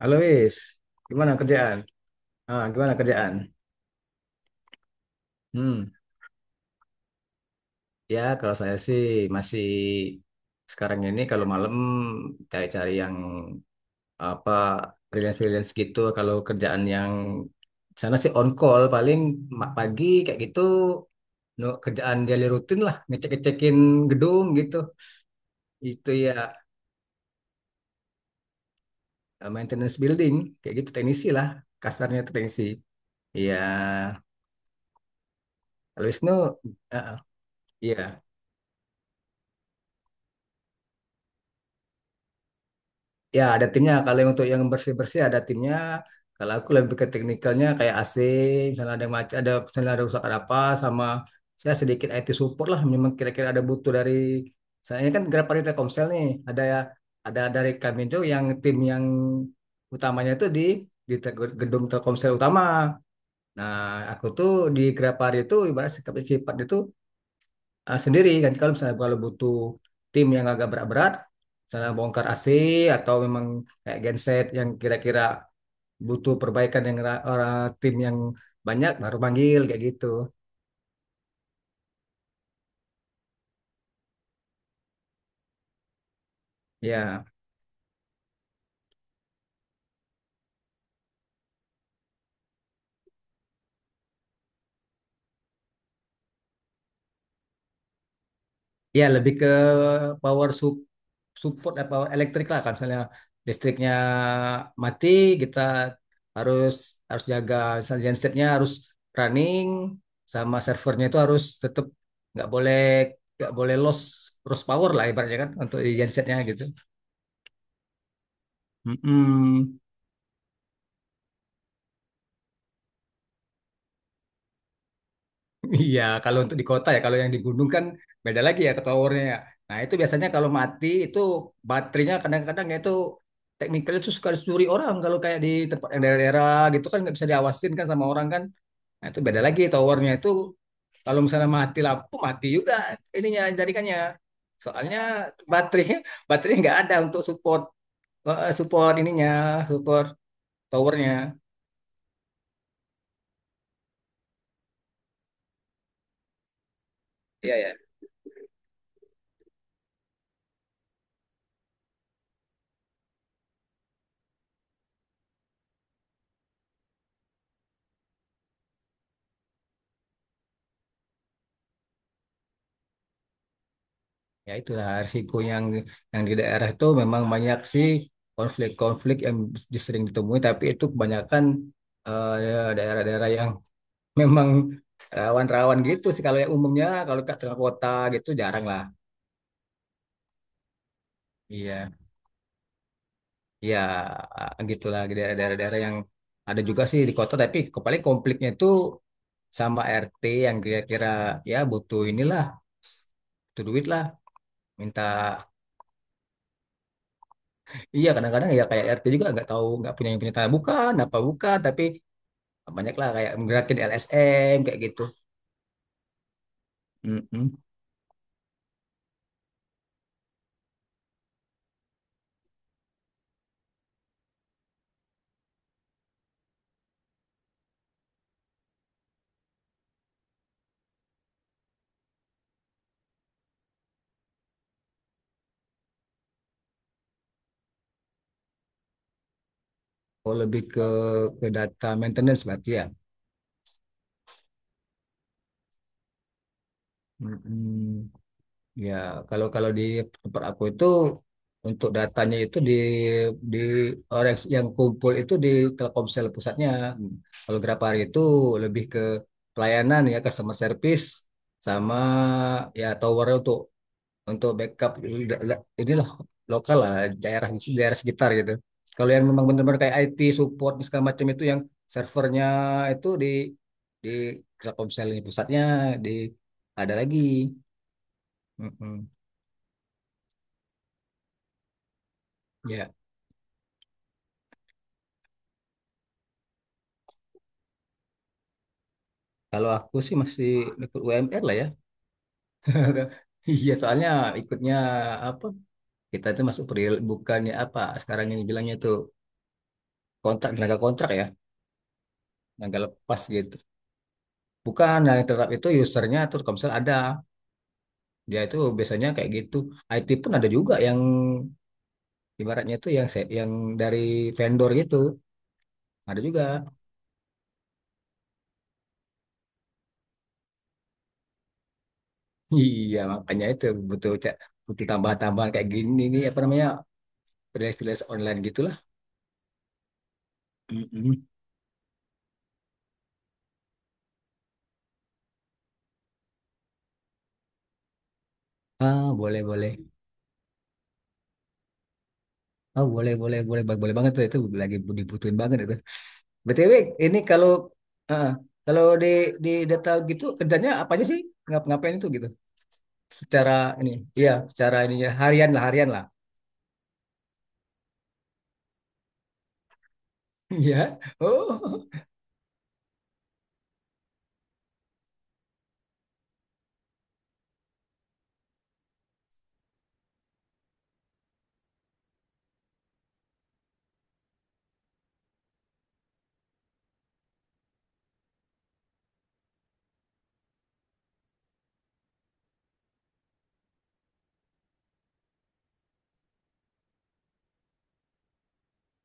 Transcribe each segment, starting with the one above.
Halo Wis, gimana kerjaan? Gimana kerjaan? Hmm, ya kalau saya sih masih sekarang ini kalau malam cari-cari yang apa freelance-freelance gitu. Kalau kerjaan yang di sana sih on call paling pagi kayak gitu no, kerjaan daily rutin lah ngecek-ngecekin gedung gitu. Itu ya maintenance building kayak gitu teknisi lah, kasarnya itu teknisi. Iya, kalau Wisnu, ah, ah, iya. Ya, ada timnya. Kalau yang untuk yang bersih-bersih ada timnya. Kalau aku lebih ke teknikalnya kayak AC, misalnya ada macam ada misalnya ada rusak ada apa, sama saya sedikit IT support lah. Memang kira-kira ada butuh dari saya, ini kan Grabari Telkomsel nih. Ada ya ada dari kami itu yang tim yang utamanya itu di gedung Telkomsel utama. Nah, aku tuh di Grapari itu ibarat sifatnya itu sendiri kan, kalau misalnya kalau butuh tim yang agak berat-berat, misalnya bongkar AC atau memang kayak genset yang kira-kira butuh perbaikan yang orang tim yang banyak baru panggil kayak gitu. Ya, ya lebih ke power support apa elektrik lah, kalau misalnya listriknya mati, kita harus harus jaga, misalnya gensetnya harus running, sama servernya itu harus tetap, nggak boleh nggak boleh loss loss power lah ibaratnya kan, untuk di gensetnya gitu. Mm-mm. Iya, kalau untuk di kota ya, kalau yang di gunung kan beda lagi ya, ke towernya ya. Nah itu biasanya kalau mati itu baterainya kadang-kadang ya itu, teknikal itu suka dicuri orang kalau kayak di tempat yang daerah-daerah gitu kan, nggak bisa diawasin kan sama orang kan. Nah, itu beda lagi towernya itu, kalau misalnya mati lampu mati juga ininya, jaringannya. Soalnya baterai, baterai nggak ada untuk support, support ininya, support towernya. Iya ya. Ya itulah risiko yang di daerah itu, memang banyak sih konflik-konflik yang sering ditemui, tapi itu kebanyakan ya, daerah-daerah yang memang rawan-rawan gitu sih, kalau yang umumnya kalau ke tengah kota gitu jarang lah. Iya. Ya, gitulah di daerah-daerah yang ada juga sih di kota, tapi paling konfliknya itu sama RT yang kira-kira ya butuh inilah, butuh duit lah, minta. Iya, kadang-kadang ya kayak RT juga nggak tahu, nggak punya yang punya tanah, bukan, apa bukan, tapi banyak lah kayak menggerakin LSM kayak gitu. Mm-mm. Oh, lebih ke data maintenance berarti ya. Mm-mm. Ya, kalau kalau di tempat aku itu untuk datanya itu di orang yang kumpul itu di Telkomsel pusatnya. Kalau Grapari itu lebih ke pelayanan ya, customer service, sama ya tower untuk backup inilah, lokal lah, daerah daerah sekitar gitu. Kalau yang memang benar-benar kayak IT support segala macam itu yang servernya itu di Telkomsel ini pusatnya, di ada lagi. Mm-mm. Ya. Kalau aku sih masih ikut UMR lah ya. Iya, soalnya ikutnya apa? Kita itu masuk peril, bukannya apa? Sekarang ini bilangnya itu kontrak, tenaga kontrak ya, tenaga lepas gitu. Bukan, nah tetap itu usernya Telkomsel ada. Dia itu biasanya kayak gitu. IT pun ada juga yang ibaratnya itu yang dari vendor gitu. Ada juga. Iya, makanya itu butuh cek, butuh tambahan-tambahan kayak gini nih, apa namanya, freelance-freelance online gitulah. Mm-mm. Boleh boleh. Oh, boleh boleh boleh Bang. Boleh banget tuh, itu lagi dibutuhin banget itu. BTW ini kalau eh, kalau di data gitu kerjanya apa aja sih? Ngapain itu gitu? Secara ini, iya, secara ininya harian lah, harian lah. Iya. Oh.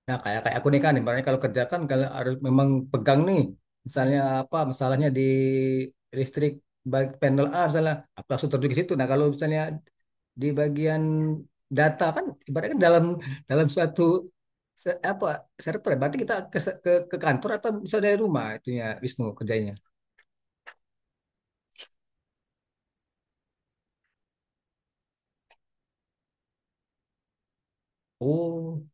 Nah kayak kayak aku nih kan, ibaratnya kalau kerjakan kalau harus memang pegang nih, misalnya apa masalahnya di listrik baik panel A misalnya, aku langsung terjun ke situ. Nah kalau misalnya di bagian data kan ibaratnya kan dalam dalam suatu apa, server ya. Berarti kita ke, ke kantor, atau bisa dari rumah itunya, Wisnu kerjanya. Oh,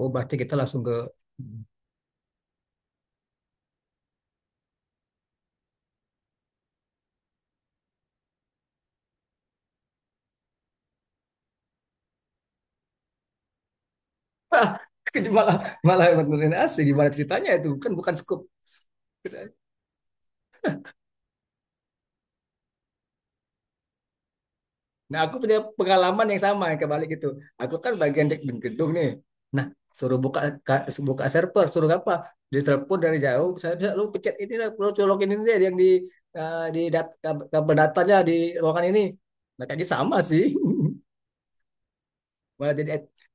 oh berarti kita langsung ke. malah malah benerin AC, gimana ceritanya itu kan bukan scope. Nah, aku punya pengalaman yang sama yang kebalik itu. Aku kan bagian dek gedung nih. Nah, suruh buka buka server, suruh apa? Ditelepon dari jauh, saya bisa lu pencet ini lah, lu colokin ini deh yang di di kabel datanya di ruangan ini. Nah, kayaknya sama sih. Malah jadi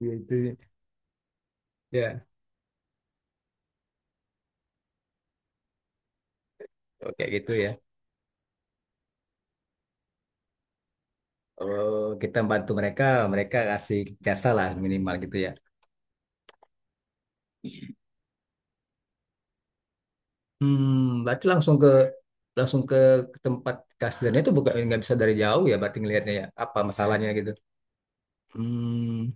gitu. Ya, oke gitu ya. Oh, kita bantu mereka, mereka kasih jasa lah minimal gitu ya. Hmm, berarti langsung ke, langsung ke, ke tempat kasirnya itu, bukan nggak bisa dari jauh ya, berarti ngelihatnya ya apa masalahnya gitu. Hmm,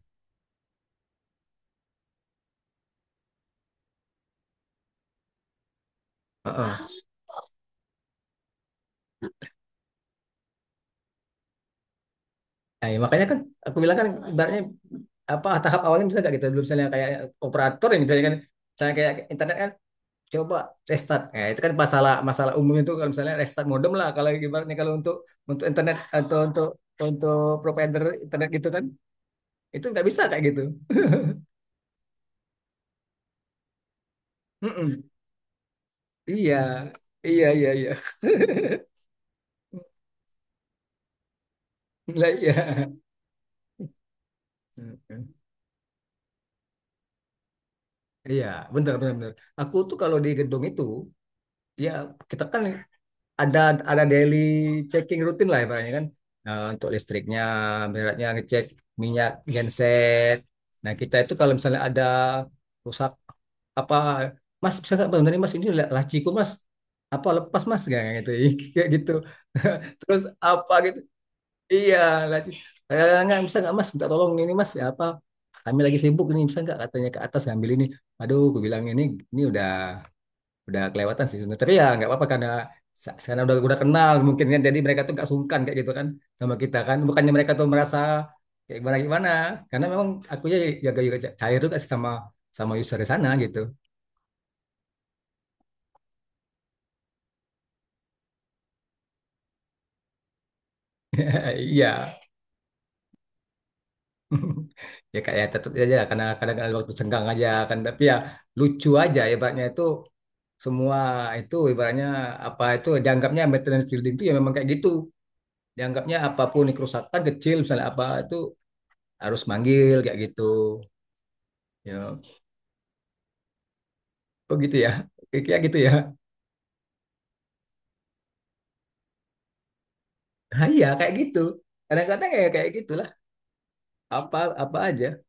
heeh. Nah, ya makanya kan aku bilang kan, ibaratnya apa, tahap awalnya bisa nggak gitu, dulu misalnya kayak operator yang misalnya kan, misalnya kayak internet kan, coba restart. Nah, itu kan masalah masalah umum itu kalau misalnya restart modem lah, kalau ibaratnya kalau untuk internet atau untuk untuk provider internet gitu kan itu nggak bisa kayak gitu. Mm-mm. Iya, iya. Lah, iya. Mhm. Iya, benar benar benar. Aku tuh kalau di gedung itu, ya kita kan ada daily checking rutin lah, ibaratnya kan. Nah, untuk listriknya, beratnya ngecek minyak genset. Nah, kita itu kalau misalnya ada rusak apa, Mas bisa nggak benar Mas ini laciku Mas, apa lepas Mas kayak gitu, kayak gitu. Terus apa gitu. Iya, lah sih. Eh, nggak bisa nggak mas, minta tolong ini mas, ya apa? Kami lagi sibuk ini, bisa nggak katanya ke atas ngambil ini. Aduh, aku bilang ini ini udah udah kelewatan sih sebenarnya. Tapi ya nggak apa-apa, karena karena udah kenal mungkin kan. Jadi mereka tuh nggak sungkan kayak gitu kan sama kita kan. Bukannya mereka tuh merasa kayak gimana gimana. Karena memang aku ya jaga juga cair juga sih, sama sama user di sana gitu. Iya. Ya kayak tetap aja karena kadang-kadang ada waktu senggang aja kan. Tapi ya lucu aja, ibaratnya itu semua itu ibaratnya apa itu, dianggapnya maintenance building itu ya memang kayak gitu. Dianggapnya apapun ini, kerusakan kecil misalnya apa itu harus manggil kayak gitu. Ya, begitu ya. Kayak gitu ya. Nah, iya kayak gitu. Kadang-kadang ya kayak gitulah. Apa apa aja.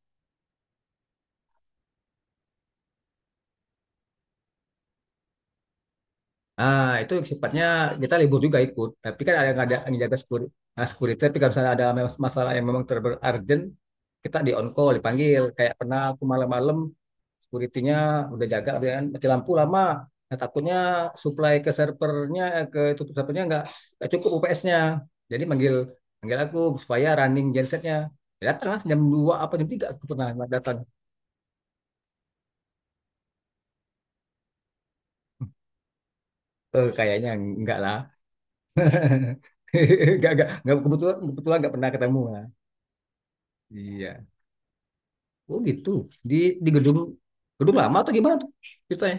Ah, itu sifatnya kita libur juga ikut, tapi kan ada yang jaga security. Nah, security, tapi kalau misalnya ada masalah yang memang urgent, kita di on call, dipanggil. Kayak pernah aku malam-malam, security-nya udah jaga, dia kan mati lampu lama. Nah, takutnya supply ke servernya, ke itu servernya nggak cukup UPS-nya. Jadi manggil manggil aku supaya running gensetnya. Ya, datang lah jam 2 apa jam 3 aku pernah datang. Eh, kayaknya enggak lah. Enggak, kebetulan, kebetulan enggak pernah ketemu. Iya. Oh gitu. Di gedung, gedung lama atau gimana tuh ceritanya?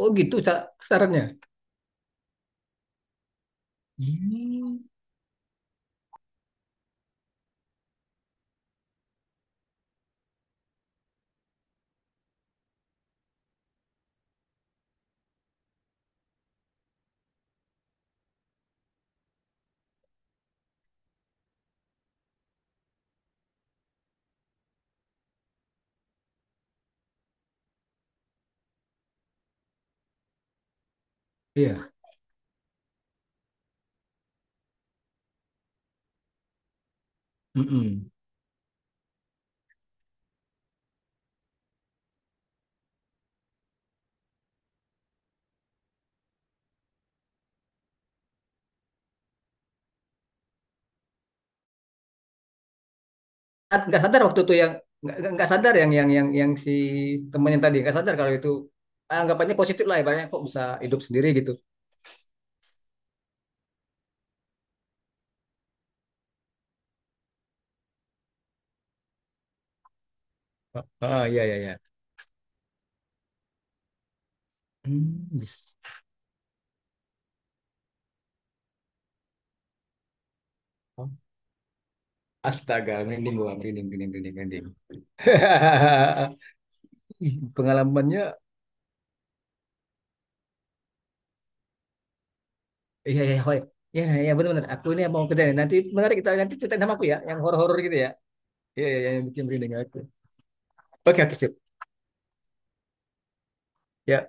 Oh gitu sarannya. Hmm. Iya. Mm-mm. Ah, nggak sadar waktu itu yang nggak sadar yang yang si temannya tadi nggak sadar kalau itu anggapannya positif lah ibaratnya, kok bisa hidup sendiri gitu. Iya iya iya. Hmm, bisa. Oh. Astaga, merinding gua, merinding, merinding, merinding, merinding. Ih, pengalamannya, iya, iya, iya, iya, iya, benar-benar. Aku ini mau kerja nih. Nanti menarik, kita nanti ceritain sama aku ya, yang horor-horor gitu ya. Iya, iya, iya, yang bikin merinding aku. Oke, oke, sip. Ya,